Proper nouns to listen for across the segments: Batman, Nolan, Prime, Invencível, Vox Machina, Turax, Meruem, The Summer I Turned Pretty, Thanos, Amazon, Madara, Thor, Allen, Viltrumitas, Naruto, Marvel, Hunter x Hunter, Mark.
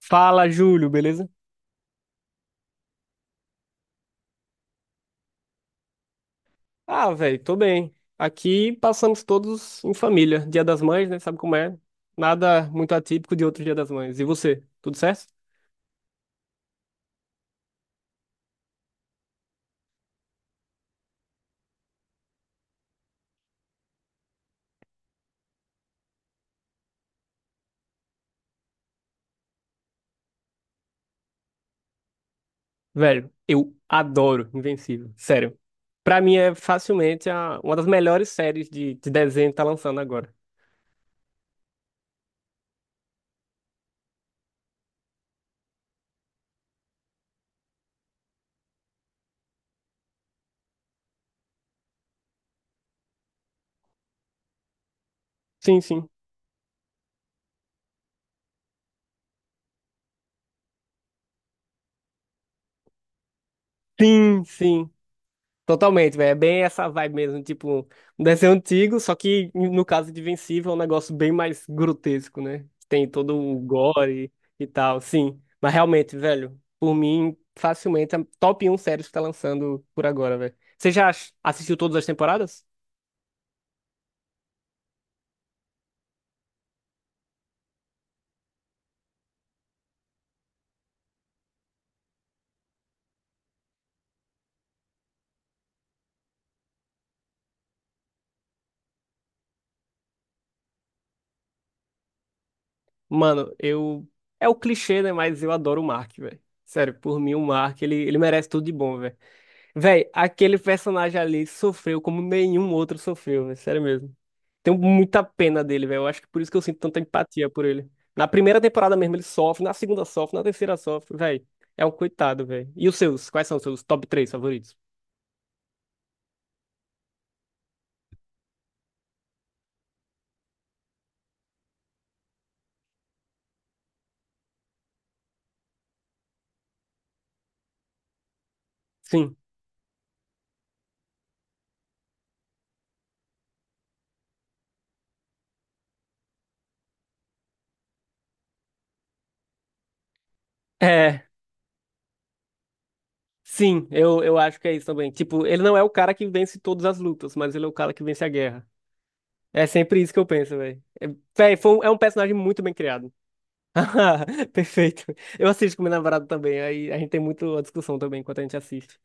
Fala, Júlio, beleza? Ah, velho, tô bem. Aqui passamos todos em família. Dia das Mães, né? Sabe como é? Nada muito atípico de outro Dia das Mães. E você? Tudo certo? Velho, eu adoro Invencível. Sério. Pra mim é facilmente uma das melhores séries de desenho que tá lançando agora. Sim, sim. Sim, sim. Totalmente, velho. É bem essa vibe mesmo, tipo, um desenho antigo, só que no caso de Invencível é um negócio bem mais grotesco, né? Tem todo o gore e tal, sim. Mas realmente, velho, por mim, facilmente, é top um séries que tá lançando por agora, velho. Você já assistiu todas as temporadas? Mano, eu. É o clichê, né? Mas eu adoro o Mark, velho. Sério, por mim, o Mark, ele merece tudo de bom, velho. Véi, aquele personagem ali sofreu como nenhum outro sofreu, véi, sério mesmo. Tenho muita pena dele, velho. Eu acho que por isso que eu sinto tanta empatia por ele. Na primeira temporada mesmo ele sofre, na segunda sofre, na terceira sofre, velho. É um coitado, velho. E os seus? Quais são os seus top três favoritos? Sim. É, sim, eu acho que é isso também. Tipo, ele não é o cara que vence todas as lutas, mas ele é o cara que vence a guerra. É sempre isso que eu penso, velho. É, véi, é um personagem muito bem criado. Perfeito. Eu assisto com minha namorada também, aí a gente tem muito a discussão também enquanto a gente assiste.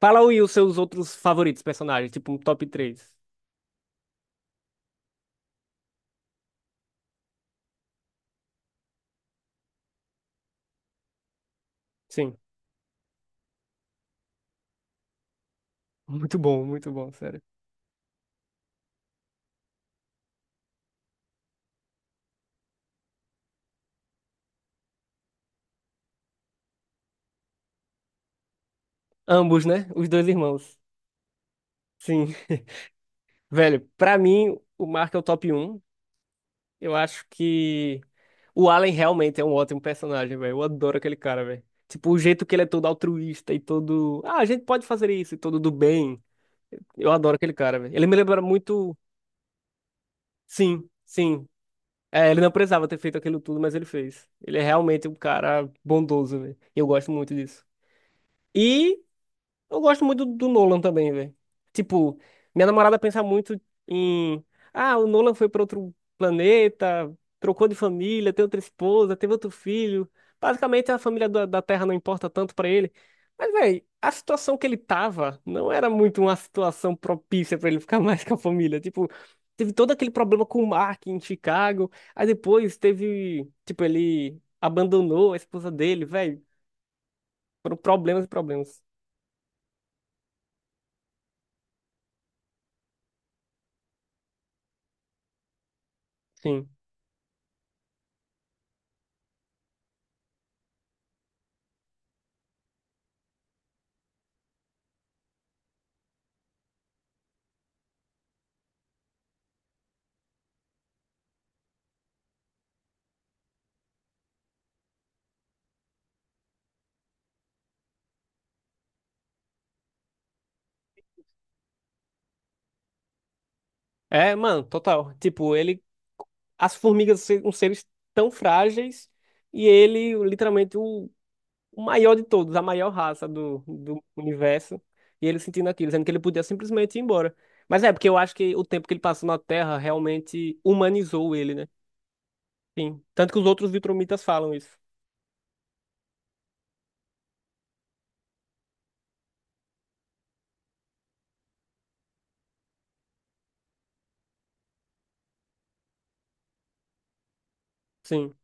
Fala aí os seus outros favoritos personagens, tipo um top três. Sim. Muito bom, sério. Ambos, né? Os dois irmãos. Sim. Velho, pra mim, o Mark é o top um. Eu acho que o Allen realmente é um ótimo personagem, velho. Eu adoro aquele cara, velho. Tipo, o jeito que ele é todo altruísta e todo. Ah, a gente pode fazer isso e todo do bem. Eu adoro aquele cara, velho. Ele me lembra muito. Sim, sim. É, ele não precisava ter feito aquilo tudo, mas ele fez. Ele é realmente um cara bondoso, velho. E eu gosto muito disso. E eu gosto muito do Nolan também, velho. Tipo, minha namorada pensa muito em. Ah, o Nolan foi pra outro planeta, trocou de família, tem outra esposa, teve outro filho. Basicamente, a família da Terra não importa tanto pra ele. Mas, velho, a situação que ele tava não era muito uma situação propícia pra ele ficar mais com a família. Tipo, teve todo aquele problema com o Mark em Chicago. Aí depois teve. Tipo, ele abandonou a esposa dele, velho. Foram problemas e problemas. Sim. É, mano, total. Tipo, ele. As formigas são seres tão frágeis e ele, literalmente, o maior de todos, a maior raça do universo. E ele sentindo aquilo, sendo que ele podia simplesmente ir embora. Mas é, porque eu acho que o tempo que ele passou na Terra realmente humanizou ele, né? Sim. Tanto que os outros Viltrumitas falam isso. Sim.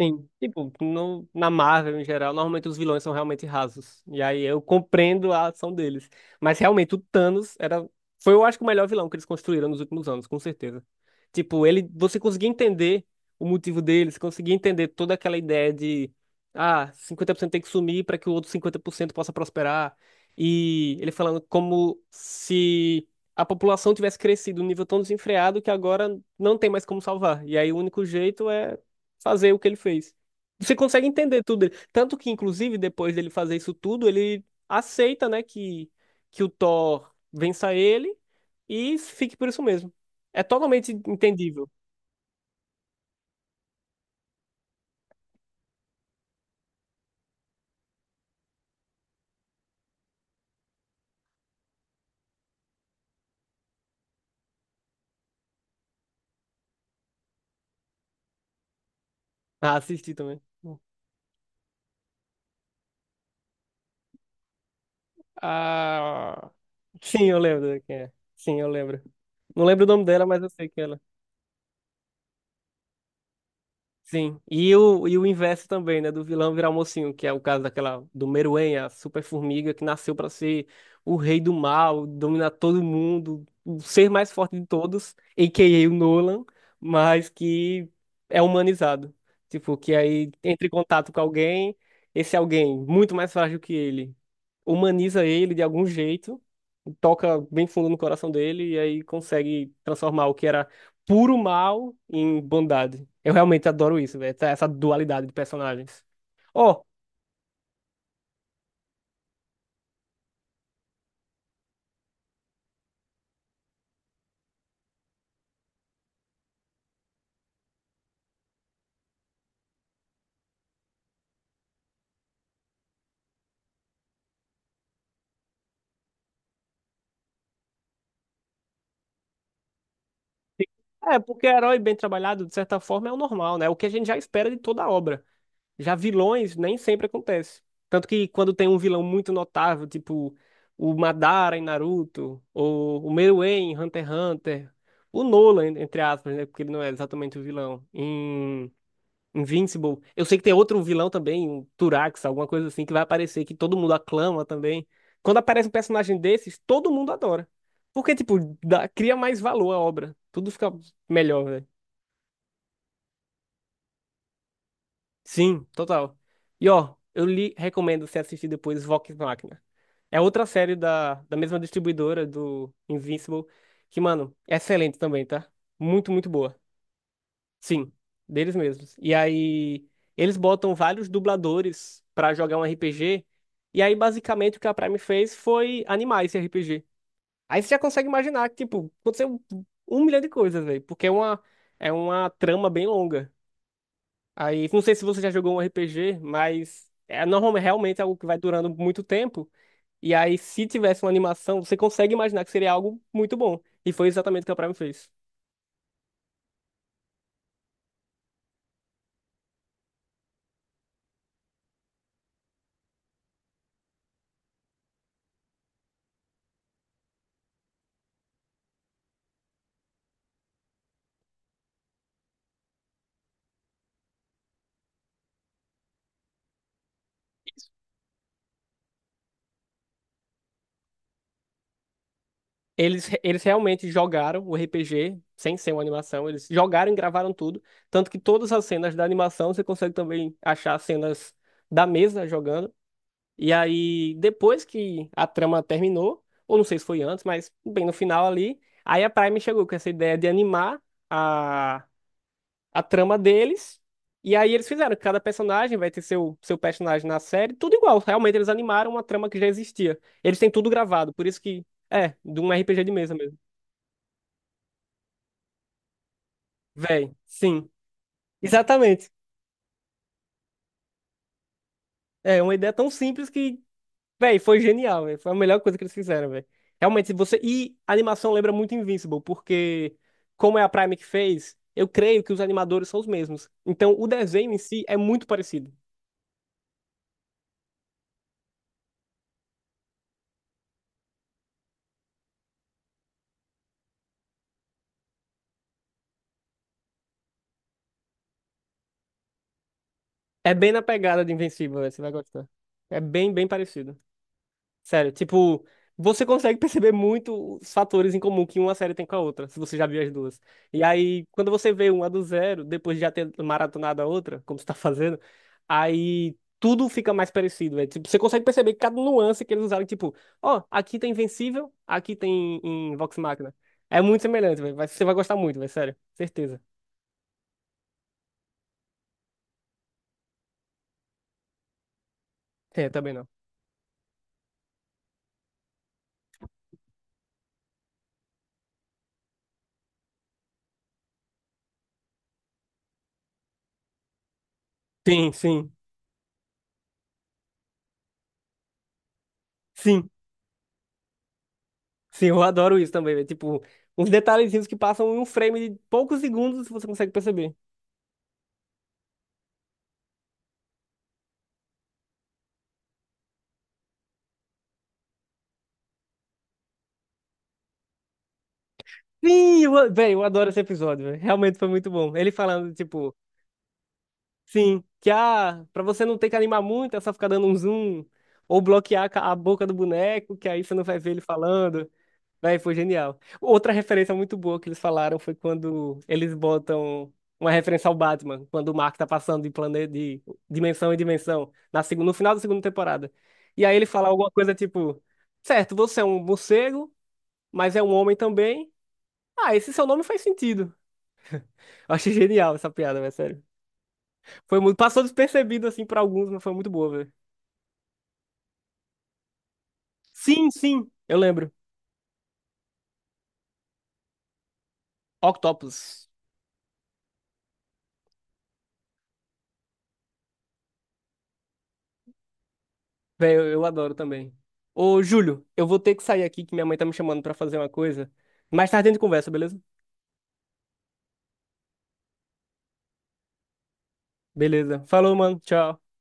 Sim, tipo, no, na Marvel em geral, normalmente os vilões são realmente rasos. E aí eu compreendo a ação deles. Mas realmente o Thanos foi eu acho que o melhor vilão que eles construíram nos últimos anos, com certeza. Tipo, ele, você conseguia entender o motivo deles, conseguia entender toda aquela ideia de, ah, 50% tem que sumir para que o outro 50% possa prosperar. E ele falando como se a população tivesse crescido num nível tão desenfreado que agora não tem mais como salvar. E aí o único jeito é fazer o que ele fez. Você consegue entender tudo dele. Tanto que, inclusive, depois dele fazer isso tudo, ele aceita, né, que o Thor vença ele e fique por isso mesmo. É totalmente entendível. Ah, assisti também. Ah, sim, eu lembro quem é. Sim, eu lembro. Não lembro o nome dela, mas eu sei que ela. É. Sim. E o inverso também, né? Do vilão virar mocinho, que é o caso daquela do Meruem, a super formiga que nasceu pra ser o rei do mal, dominar todo mundo, o ser mais forte de todos, a.k.a. o Nolan, mas que é humanizado. Tipo, que aí entra em contato com alguém, esse alguém muito mais frágil que ele humaniza ele de algum jeito, toca bem fundo no coração dele e aí consegue transformar o que era puro mal em bondade. Eu realmente adoro isso, velho, essa dualidade de personagens. Ó, é, porque herói bem trabalhado, de certa forma, é o normal, né? O que a gente já espera de toda a obra. Já vilões nem sempre acontece. Tanto que quando tem um vilão muito notável, tipo o Madara em Naruto, ou o Meruem em Hunter x Hunter, o Nolan, entre aspas, né? Porque ele não é exatamente o vilão em Invincible. Eu sei que tem outro vilão também, um Turax, alguma coisa assim, que vai aparecer, que todo mundo aclama também. Quando aparece um personagem desses, todo mundo adora. Porque, tipo, cria mais valor à obra. Tudo fica melhor, velho. Sim, total. E, ó, eu lhe recomendo você assistir depois Vox Machina. É outra série da mesma distribuidora do Invincible, que, mano, é excelente também, tá? Muito, muito boa. Sim, deles mesmos. E aí eles botam vários dubladores pra jogar um RPG. E aí basicamente o que a Prime fez foi animar esse RPG. Aí você já consegue imaginar que tipo aconteceu um milhão de coisas, velho, porque é uma trama bem longa. Aí não sei se você já jogou um RPG, mas é normalmente realmente é algo que vai durando muito tempo. E aí se tivesse uma animação, você consegue imaginar que seria algo muito bom. E foi exatamente o que a Prime fez. Eles realmente jogaram o RPG, sem ser uma animação, eles jogaram e gravaram tudo. Tanto que todas as cenas da animação você consegue também achar cenas da mesa jogando. E aí, depois que a trama terminou, ou não sei se foi antes, mas bem no final ali, aí a Prime chegou com essa ideia de animar a, a trama deles. E aí eles fizeram, cada personagem vai ter seu personagem na série, tudo igual. Realmente eles animaram uma trama que já existia. Eles têm tudo gravado, por isso que. É, de um RPG de mesa mesmo. Véi, sim. Exatamente. É uma ideia tão simples que, véi, foi genial, véi. Foi a melhor coisa que eles fizeram, véi. Realmente, se você. E a animação lembra muito Invincible, porque, como é a Prime que fez, eu creio que os animadores são os mesmos. Então, o desenho em si é muito parecido. É bem na pegada de Invincible, véi. Você vai gostar. É bem, bem parecido. Sério, tipo, você consegue perceber muito os fatores em comum que uma série tem com a outra, se você já viu as duas. E aí, quando você vê uma do zero, depois de já ter maratonado a outra, como você tá fazendo, aí tudo fica mais parecido, velho. Tipo, você consegue perceber cada nuance que eles usaram, tipo, ó, aqui tem Invencível, aqui tem em Vox Machina. É muito semelhante, velho. Você vai gostar muito, velho, sério. Certeza. É, também não. Sim, sim. Sim. Sim, eu adoro isso também, velho. Tipo, uns detalhezinhos que passam em um frame de poucos segundos, você consegue perceber. Sim, véi, eu adoro esse episódio, véi. Realmente foi muito bom. Ele falando, tipo, sim, que ah, pra você não ter que animar muito, é só ficar dando um zoom, ou bloquear a a boca do boneco, que aí você não vai ver ele falando. Véi, foi genial. Outra referência muito boa que eles falaram foi quando eles botam uma referência ao Batman, quando o Mark tá passando de planeta, de dimensão em dimensão, no final da segunda temporada. E aí ele fala alguma coisa tipo, certo, você é um morcego, mas é um homem também. Ah, esse seu nome faz sentido. Eu achei genial essa piada, velho, sério. Foi muito. Passou despercebido, assim, pra alguns, mas foi muito boa, velho. Sim, sim, eu lembro. Octopus. Velho, eu adoro também. Ô, Júlio, eu vou ter que sair aqui, que minha mãe tá me chamando pra fazer uma coisa. Mais tarde a gente conversa, beleza? Beleza. Falou, mano. Tchau.